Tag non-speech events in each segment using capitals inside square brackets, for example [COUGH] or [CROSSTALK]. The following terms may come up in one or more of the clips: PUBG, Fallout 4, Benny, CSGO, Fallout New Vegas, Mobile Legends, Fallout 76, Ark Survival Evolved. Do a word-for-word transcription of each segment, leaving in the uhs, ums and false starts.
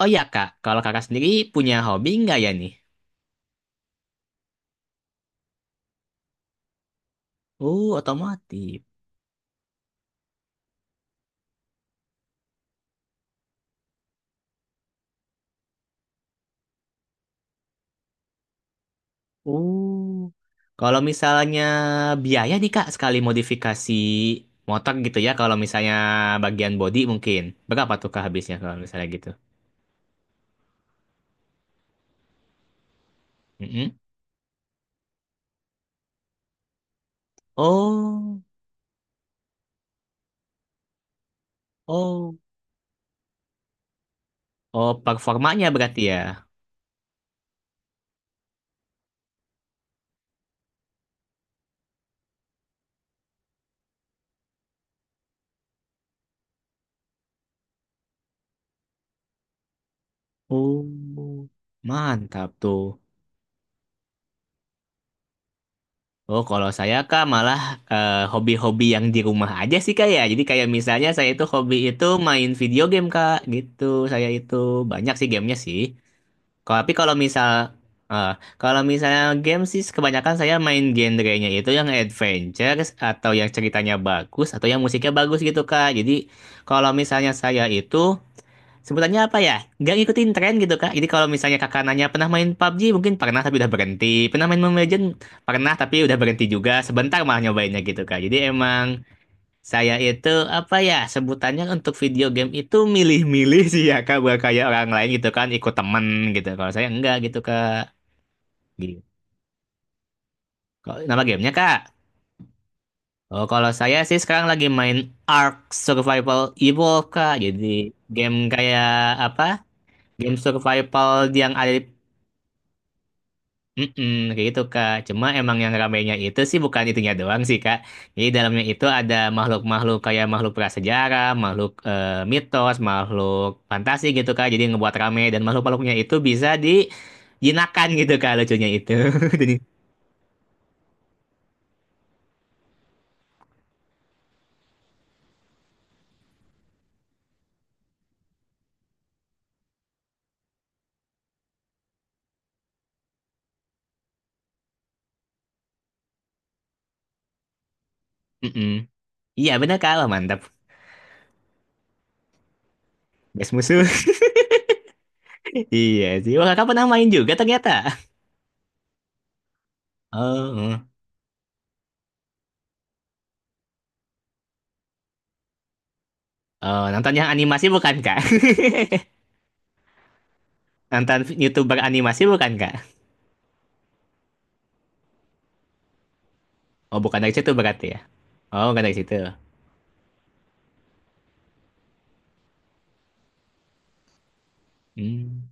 Oh iya kak, kalau kakak sendiri punya hobi nggak ya nih? Oh otomotif. Oh kalau misalnya biaya nih kak sekali modifikasi motor gitu ya, kalau misalnya bagian body mungkin berapa tuh kak habisnya kalau misalnya gitu? Mm-mm. Oh oh oh performanya berarti ya. Oh mantap tuh. Oh, kalau saya kak malah eh, hobi-hobi yang di rumah aja sih kak ya. Jadi kayak misalnya saya itu hobi itu main video game kak gitu. Saya itu banyak sih gamenya sih. Kalau- Tapi kalau misal eh, kalau misalnya game sih kebanyakan saya main genrenya itu yang adventure atau yang ceritanya bagus atau yang musiknya bagus gitu kak. Jadi kalau misalnya saya itu, sebutannya apa ya? Nggak ngikutin tren gitu, Kak. Jadi kalau misalnya kakak nanya, pernah main PUBG? Mungkin pernah tapi udah berhenti. Pernah main Mobile Legends? Pernah tapi udah berhenti juga. Sebentar malah nyobainnya gitu, Kak. Jadi emang saya itu, apa ya, sebutannya untuk video game itu milih-milih sih ya, Kak. Bukan kayak orang lain gitu kan, ikut temen gitu. Kalau saya enggak gitu, Kak. Gitu. Kalau- Nama gamenya, Kak? Oh, kalau saya sih sekarang lagi main Ark Survival Evolved, Kak. Jadi game kayak apa? Game survival yang ada. Mm-mm, kayak gitu Kak. Cuma emang yang ramainya itu sih bukan itunya doang sih Kak. Jadi dalamnya itu ada makhluk-makhluk kayak makhluk prasejarah, makhluk eh, mitos, makhluk fantasi gitu Kak. Jadi ngebuat rame dan makhluk-makhluknya itu bisa dijinakan gitu Kak lucunya itu. [LAUGHS] Jadi, mm-mm. Iya bener Kak, wah, mantap. Best musuh. [LAUGHS] Iya sih. Wah Kakak pernah main juga ternyata. Oh, oh, oh, nonton yang animasi bukan Kak? [LAUGHS] Nonton YouTuber animasi bukan Kak? Oh bukan dari situ berarti ya? Oh bukan dari situ. Hmm.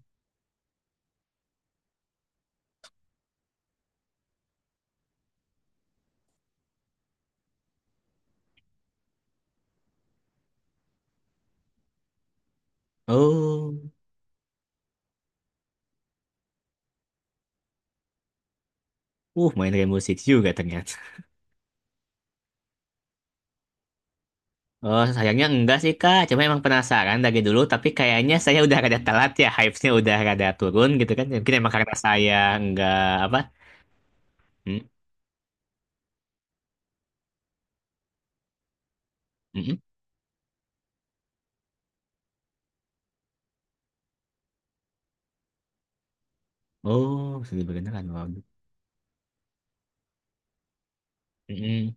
Oh, uh, main kayak musik juga ternyata. Oh, sayangnya enggak sih, Kak. Cuma emang penasaran dari dulu, tapi kayaknya saya udah rada telat ya. Hype-nya udah rada turun gitu kan. Ya, mungkin emang karena saya enggak apa. Hmm, mm-mm. Oh, seni beneran. Waduh. Mm-mm.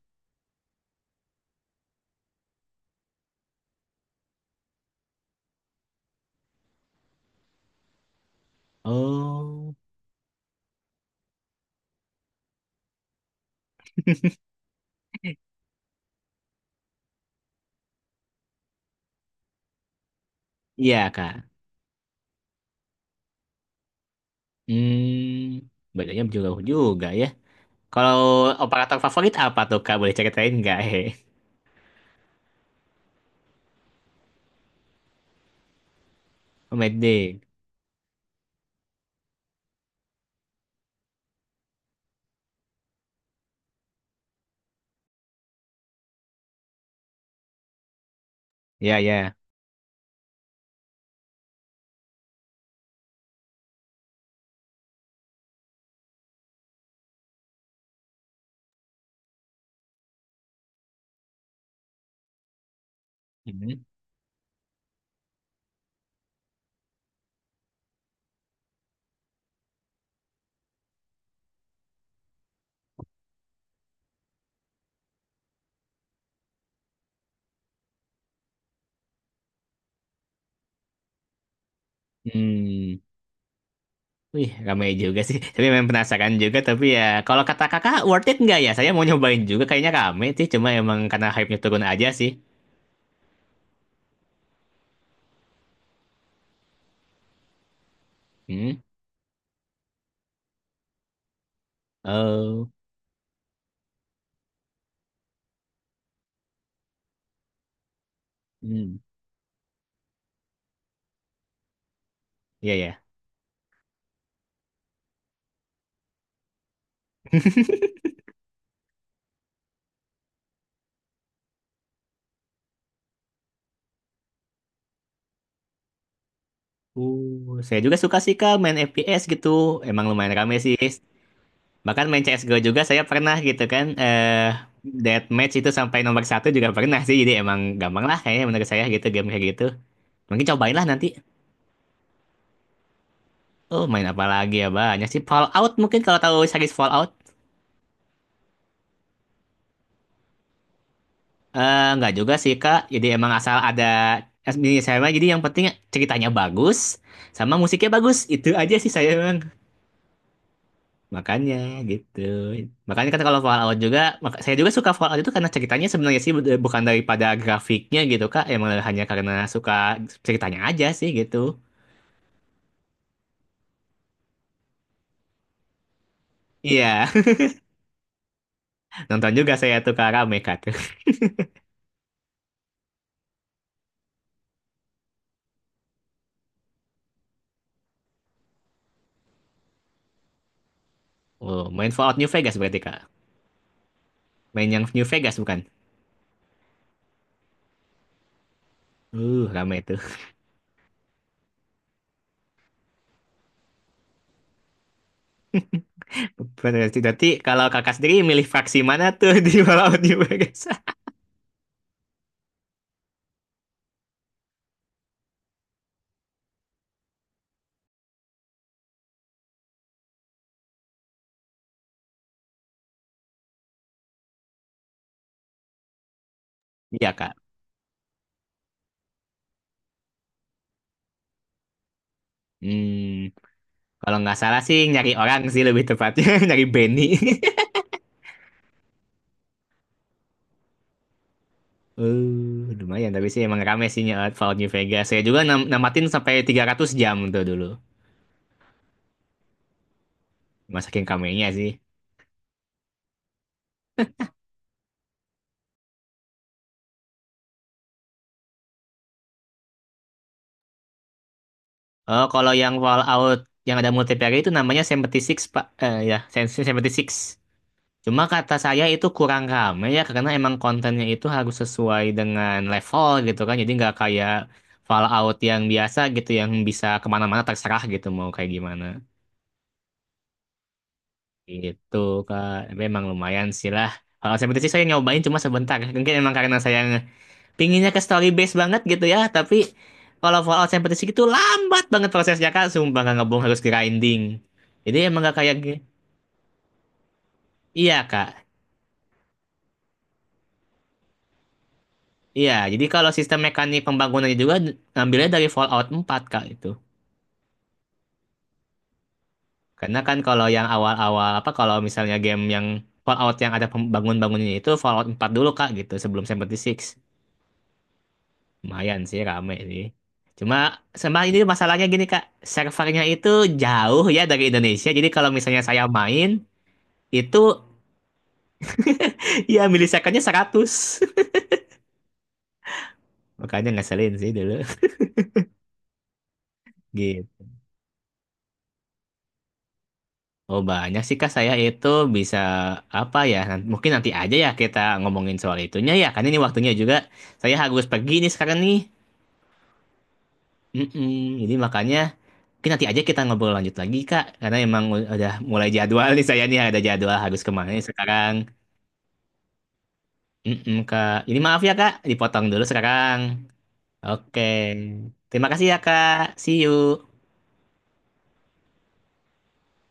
Oh, iya, Kak. Hmm, bedanya jauh juga ya. Kalau operator favorit apa tuh, Kak? Boleh ceritain nggak? [LAUGHS] Hehe. Oh, Mad. Ya, ya. Hmm. Hmm. Wih, ramai juga sih. Tapi memang penasaran juga. Tapi ya, kalau kata kakak, worth it nggak ya? Saya mau nyobain juga. Kayaknya rame sih. Cuma emang karena hype-nya turun aja sih. Hmm. Oh. Hmm. Iya, ya. Uh, saya juga suka sih kak main F P S gitu. Emang lumayan rame sih. Bahkan main C S G O juga saya pernah gitu kan. Eh, deathmatch itu sampai nomor satu juga pernah sih. Jadi emang gampang lah kayaknya menurut saya gitu game kayak gitu. Mungkin cobain lah nanti. Oh, main apa lagi ya? Banyak sih. Fallout mungkin kalau tahu series Fallout. Eh, nggak juga sih Kak. Jadi emang asal ada S B saya mah jadi yang penting ceritanya bagus sama musiknya bagus. Itu aja sih saya emang. Makanya gitu. Makanya kan kalau Fallout juga maka- saya juga suka Fallout itu karena ceritanya sebenarnya sih bu- bukan daripada grafiknya gitu Kak. Emang hanya karena suka ceritanya aja sih gitu. Iya, [LAUGHS] nonton juga saya tuh Kak, rame Kak tuh. Oh, main Fallout New Vegas berarti Kak. Main yang New Vegas bukan? Uh, rame itu. Berarti, berarti kalau kakak sendiri milih fraksi mana tuh di Walau di Bagasa? Iya kak. Hmm, kalau nggak salah sih nyari orang sih lebih tepatnya [LAUGHS] nyari Benny. [LAUGHS] Eh, lumayan tapi sih emang rame sih nyawa Fallout New Vegas. Saya juga nam- namatin sampai tiga ratus jam tuh dulu. Masakin kamenya sih. Oh, kalau yang Fallout yang ada multiplayer itu namanya tujuh puluh enam, Pak. Eh, ya, tujuh puluh enam. Cuma kata saya itu kurang rame ya karena emang kontennya itu harus sesuai dengan level gitu kan. Jadi nggak kayak Fallout yang biasa gitu yang bisa kemana-mana terserah gitu mau kayak gimana. Gitu Kak. Tapi emang lumayan sih lah. Kalau seperti sih saya nyobain cuma sebentar. Mungkin emang karena saya nge- pinginnya ke story base banget gitu ya. Tapi kalau Fallout seperti sih itu lambat banget prosesnya Kak. Sumpah nggak ngebong harus grinding. Jadi emang nggak kayak. Iya Kak. Iya, jadi kalau sistem mekanik pembangunannya juga d- ngambilnya dari Fallout empat Kak itu. Karena kan kalau yang awal-awal apa kalau misalnya game yang Fallout yang ada pembangun-bangunannya itu Fallout empat dulu Kak gitu sebelum tujuh puluh enam. Lumayan sih rame sih. Cuma sama ini masalahnya gini Kak, servernya itu jauh ya dari Indonesia. Jadi kalau misalnya saya main itu [LAUGHS] ya milisekonnya seratus. [LAUGHS] Makanya ngeselin sih dulu. [LAUGHS] Gitu. Oh banyak sih Kak, saya itu bisa apa ya, nan- mungkin nanti aja ya kita ngomongin soal itunya ya, karena ini waktunya juga saya harus pergi nih sekarang nih. Mm-mm. Jadi makanya mungkin nanti aja kita ngobrol lanjut lagi Kak, karena emang u- udah mulai jadwal nih saya nih ada jadwal harus kemana nih sekarang. Mm-mm, Kak, ini maaf ya Kak, dipotong dulu sekarang. Oke, terima kasih ya Kak, see you.